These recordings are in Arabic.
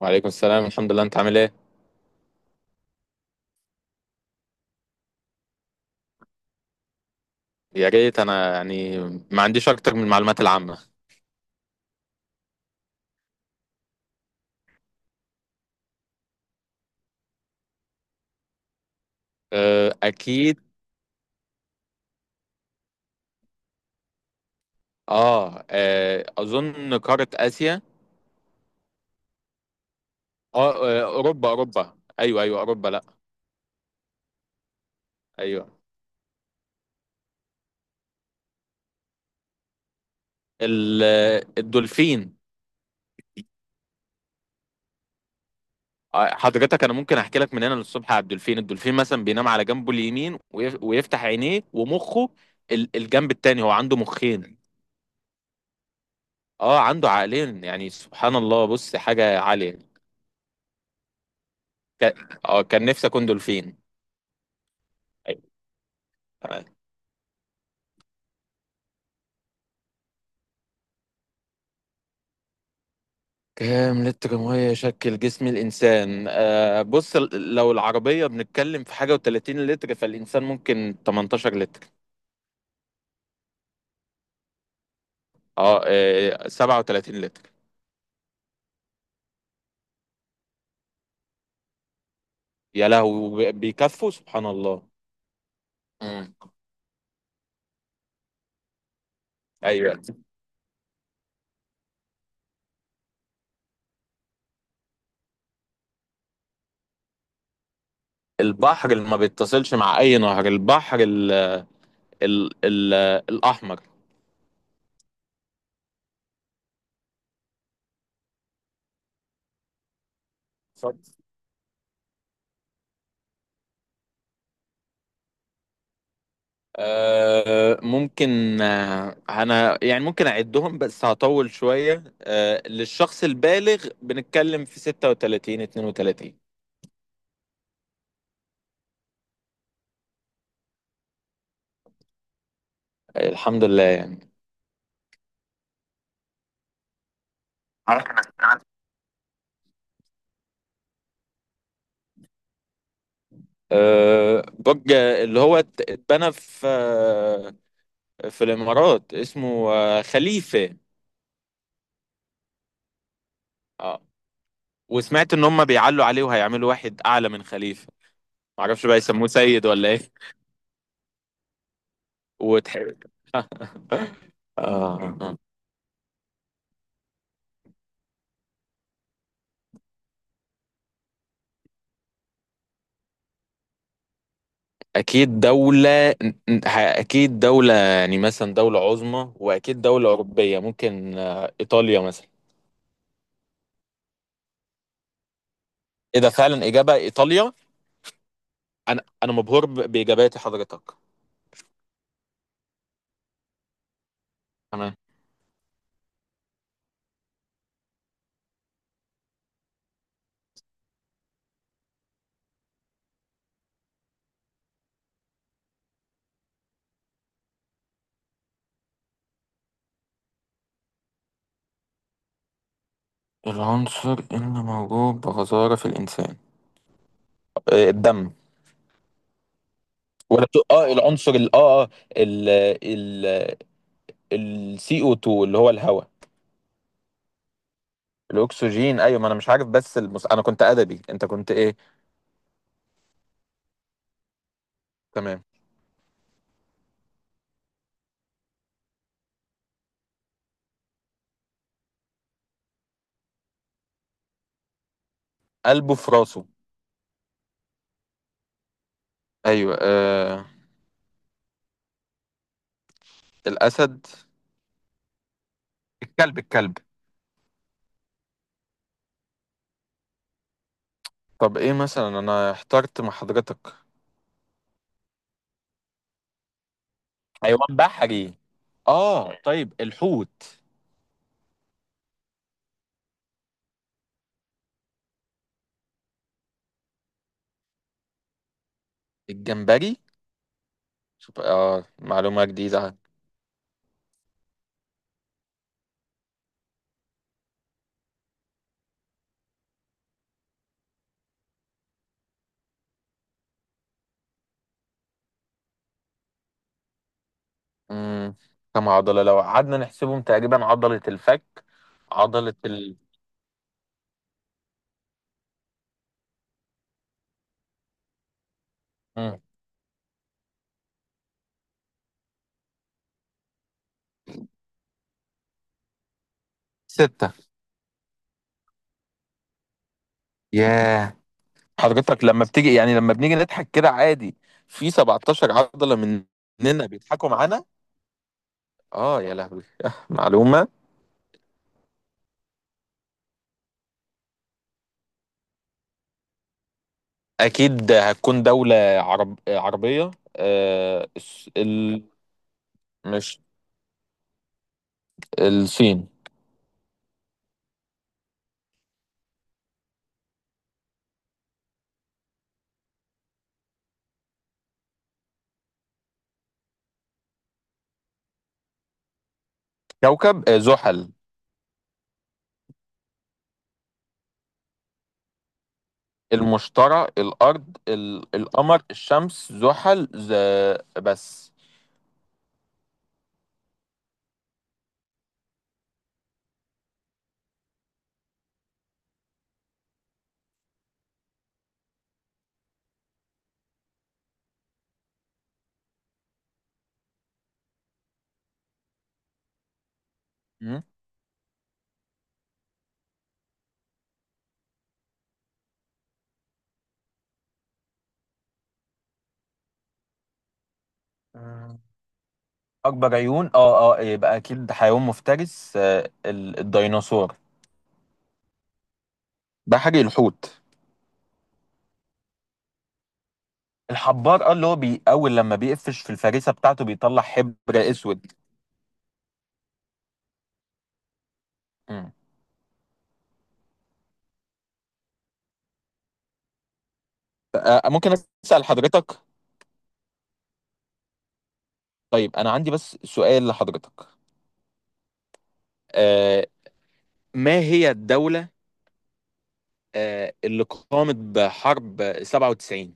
وعليكم السلام، الحمد لله. انت عامل ايه؟ يا ريت. انا يعني ما عنديش اكتر من المعلومات العامة. اه، اكيد. اه، اظن قارة اسيا. اه، اوروبا اوروبا، ايوه ايوه، اوروبا، لا. ايوه. ال- الدولفين. اه، حضرتك انا ممكن احكي لك من هنا للصبح على الدولفين. الدولفين مثلا بينام على جنبه اليمين، ويفتح عينيه ومخه. الجنب التاني، هو عنده مخين. اه، عنده عقلين، يعني سبحان الله. بص، حاجة عالية. ك- اه كان نفسي اكون دولفين. كام لتر ميه يشكل جسم الانسان؟ بص، لو العربيه بنتكلم في حاجه و30 لتر، فالانسان ممكن 18 لتر. 37 لتر. يا لهوي، بيكفوا؟ سبحان الله. مم. ايوه. البحر اللي ما بيتصلش مع اي نهر، البحر ال الاحمر. اتفضل. ممكن، انا يعني ممكن اعدهم بس هطول شويه. للشخص البالغ بنتكلم في 36، 32. الحمد لله يعني. عارف أنا- برج اللي هو اتبنى في، في الامارات، اسمه، خليفه. اه وسمعت ان هم بيعلوا عليه وهيعملوا واحد اعلى من خليفه. معرفش بقى يسموه سيد ولا ايه. وتحب آه. اكيد دولة اكيد دولة، يعني مثلا دولة عظمى، واكيد دولة اوروبية، ممكن، ايطاليا مثلا. ايه ده، فعلا اجابة ايطاليا؟ انا مبهور باجاباتي حضرتك. العنصر اللي موجود بغزارة في الإنسان؟ الدم. ولا بتقول، العنصر ال اه اه ال ال ال CO2 اللي هو الهواء. الاكسجين، ايوه. ما انا مش عارف. بس انا كنت ادبي، انت كنت ايه؟ تمام. قلبه في راسه؟ أيوة، الأسد. الكلب، الكلب. طب، إيه مثلا؟ أنا احترت مع حضرتك. حيوان بحري؟ اه طيب، الحوت. الجمبري؟ شوف، معلومة جديدة. امم. كم عضلة؟ لو قعدنا نحسبهم، تقريبا عضلة الفك، عضلة مم. ستة. ياه. حضرتك لما بتيجي، يعني لما بنيجي نضحك كده عادي، في 17 عضلة مننا بيضحكوا معانا. اه، يا لهوي معلومة. أكيد هتكون دولة عربية، مش. الصين. كوكب زحل. المشتري، الأرض، القمر، الشمس، زحل، بس. مم. اكبر عيون؟ اه يبقى اكيد حيوان مفترس. الديناصور. ده حاجة، الحوت. الحبار، اللي هو اول، لما بيقفش في الفريسة بتاعته بيطلع حبر اسود. مم. ممكن اسأل حضرتك؟ طيب، انا عندي بس سؤال لحضرتك. آه، ما هي الدولة، اللي قامت بحرب 97؟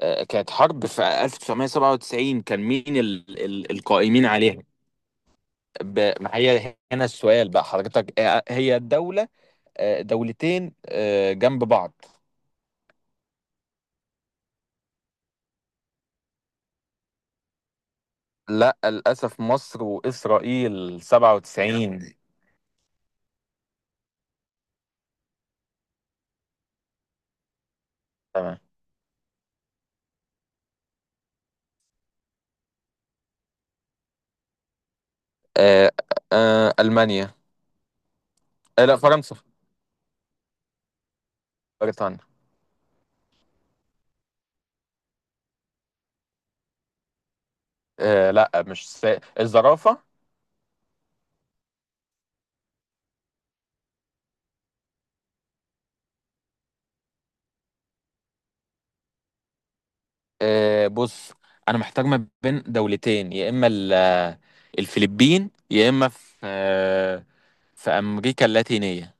كانت حرب في 1997، كان مين القائمين عليها؟ ما هي، هنا السؤال بقى حضرتك. هي الدولة، دولتين، جنب بعض. لا، للأسف، مصر وإسرائيل 97. تمام. آه، ألمانيا. لا، فرنسا. بريطانيا. لا، مش س... الزرافة. بص، أنا محتار ما بين دولتين، يا إما الفلبين، يا إما في، في أمريكا اللاتينية.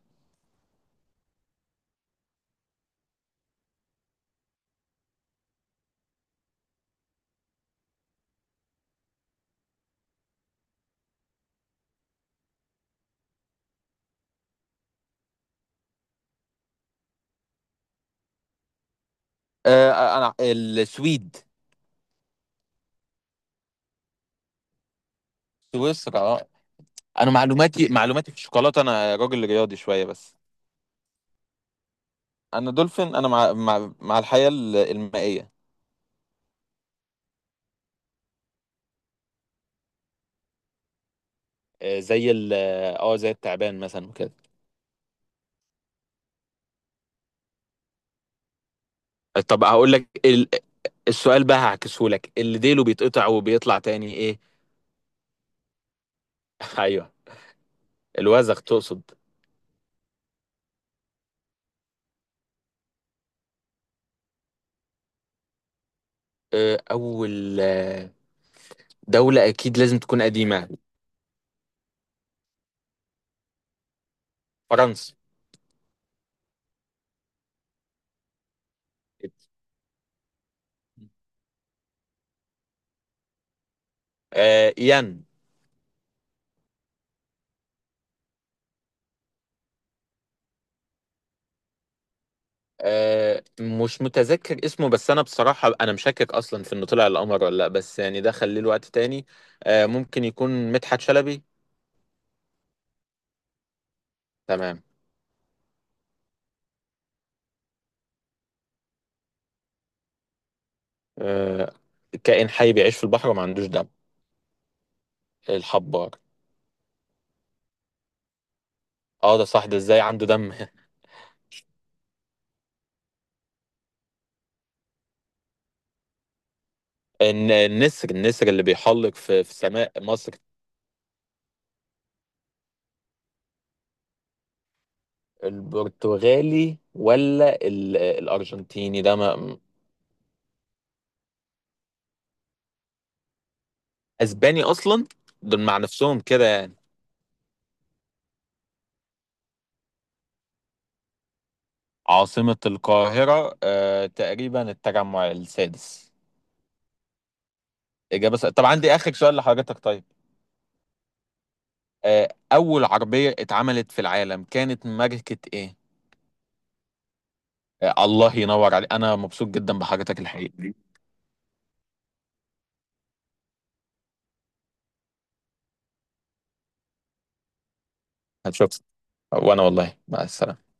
آه، أنا السويد. سويسرا، آه. أنا معلوماتي في الشوكولاتة، أنا راجل رياضي شوية بس. انا دولفين، انا مع الحياة المائية. زي ال اه زي التعبان مثلا وكده. طب هقول لك السؤال بقى هعكسه لك، اللي ديله بيتقطع وبيطلع تاني، ايه؟ ايوه. الوزغ تقصد؟ اول دولة، اكيد لازم تكون قديمة. فرنسا. ين. مش متذكر اسمه، بس انا بصراحة انا مشكك اصلا في انه طلع القمر ولا لا. بس يعني ده خليه لوقت تاني. ممكن يكون مدحت شلبي. تمام. آه، كائن حي بيعيش في البحر وما عندوش دم؟ الحبار. اه، ده صح؟ ده ازاي عنده دم؟ النسر اللي بيحلق في سماء مصر. البرتغالي، ولا الارجنتيني ده؟ ما اسباني اصلا؟ دول مع نفسهم كده يعني. عاصمة القاهرة، تقريبا التجمع السادس. طب عندي آخر سؤال لحضرتك، طيب. أول عربية اتعملت في العالم كانت ماركة إيه؟ الله ينور عليك، أنا مبسوط جدا بحضرتك الحقيقة. هتشوف. وانا والله. مع السلامة.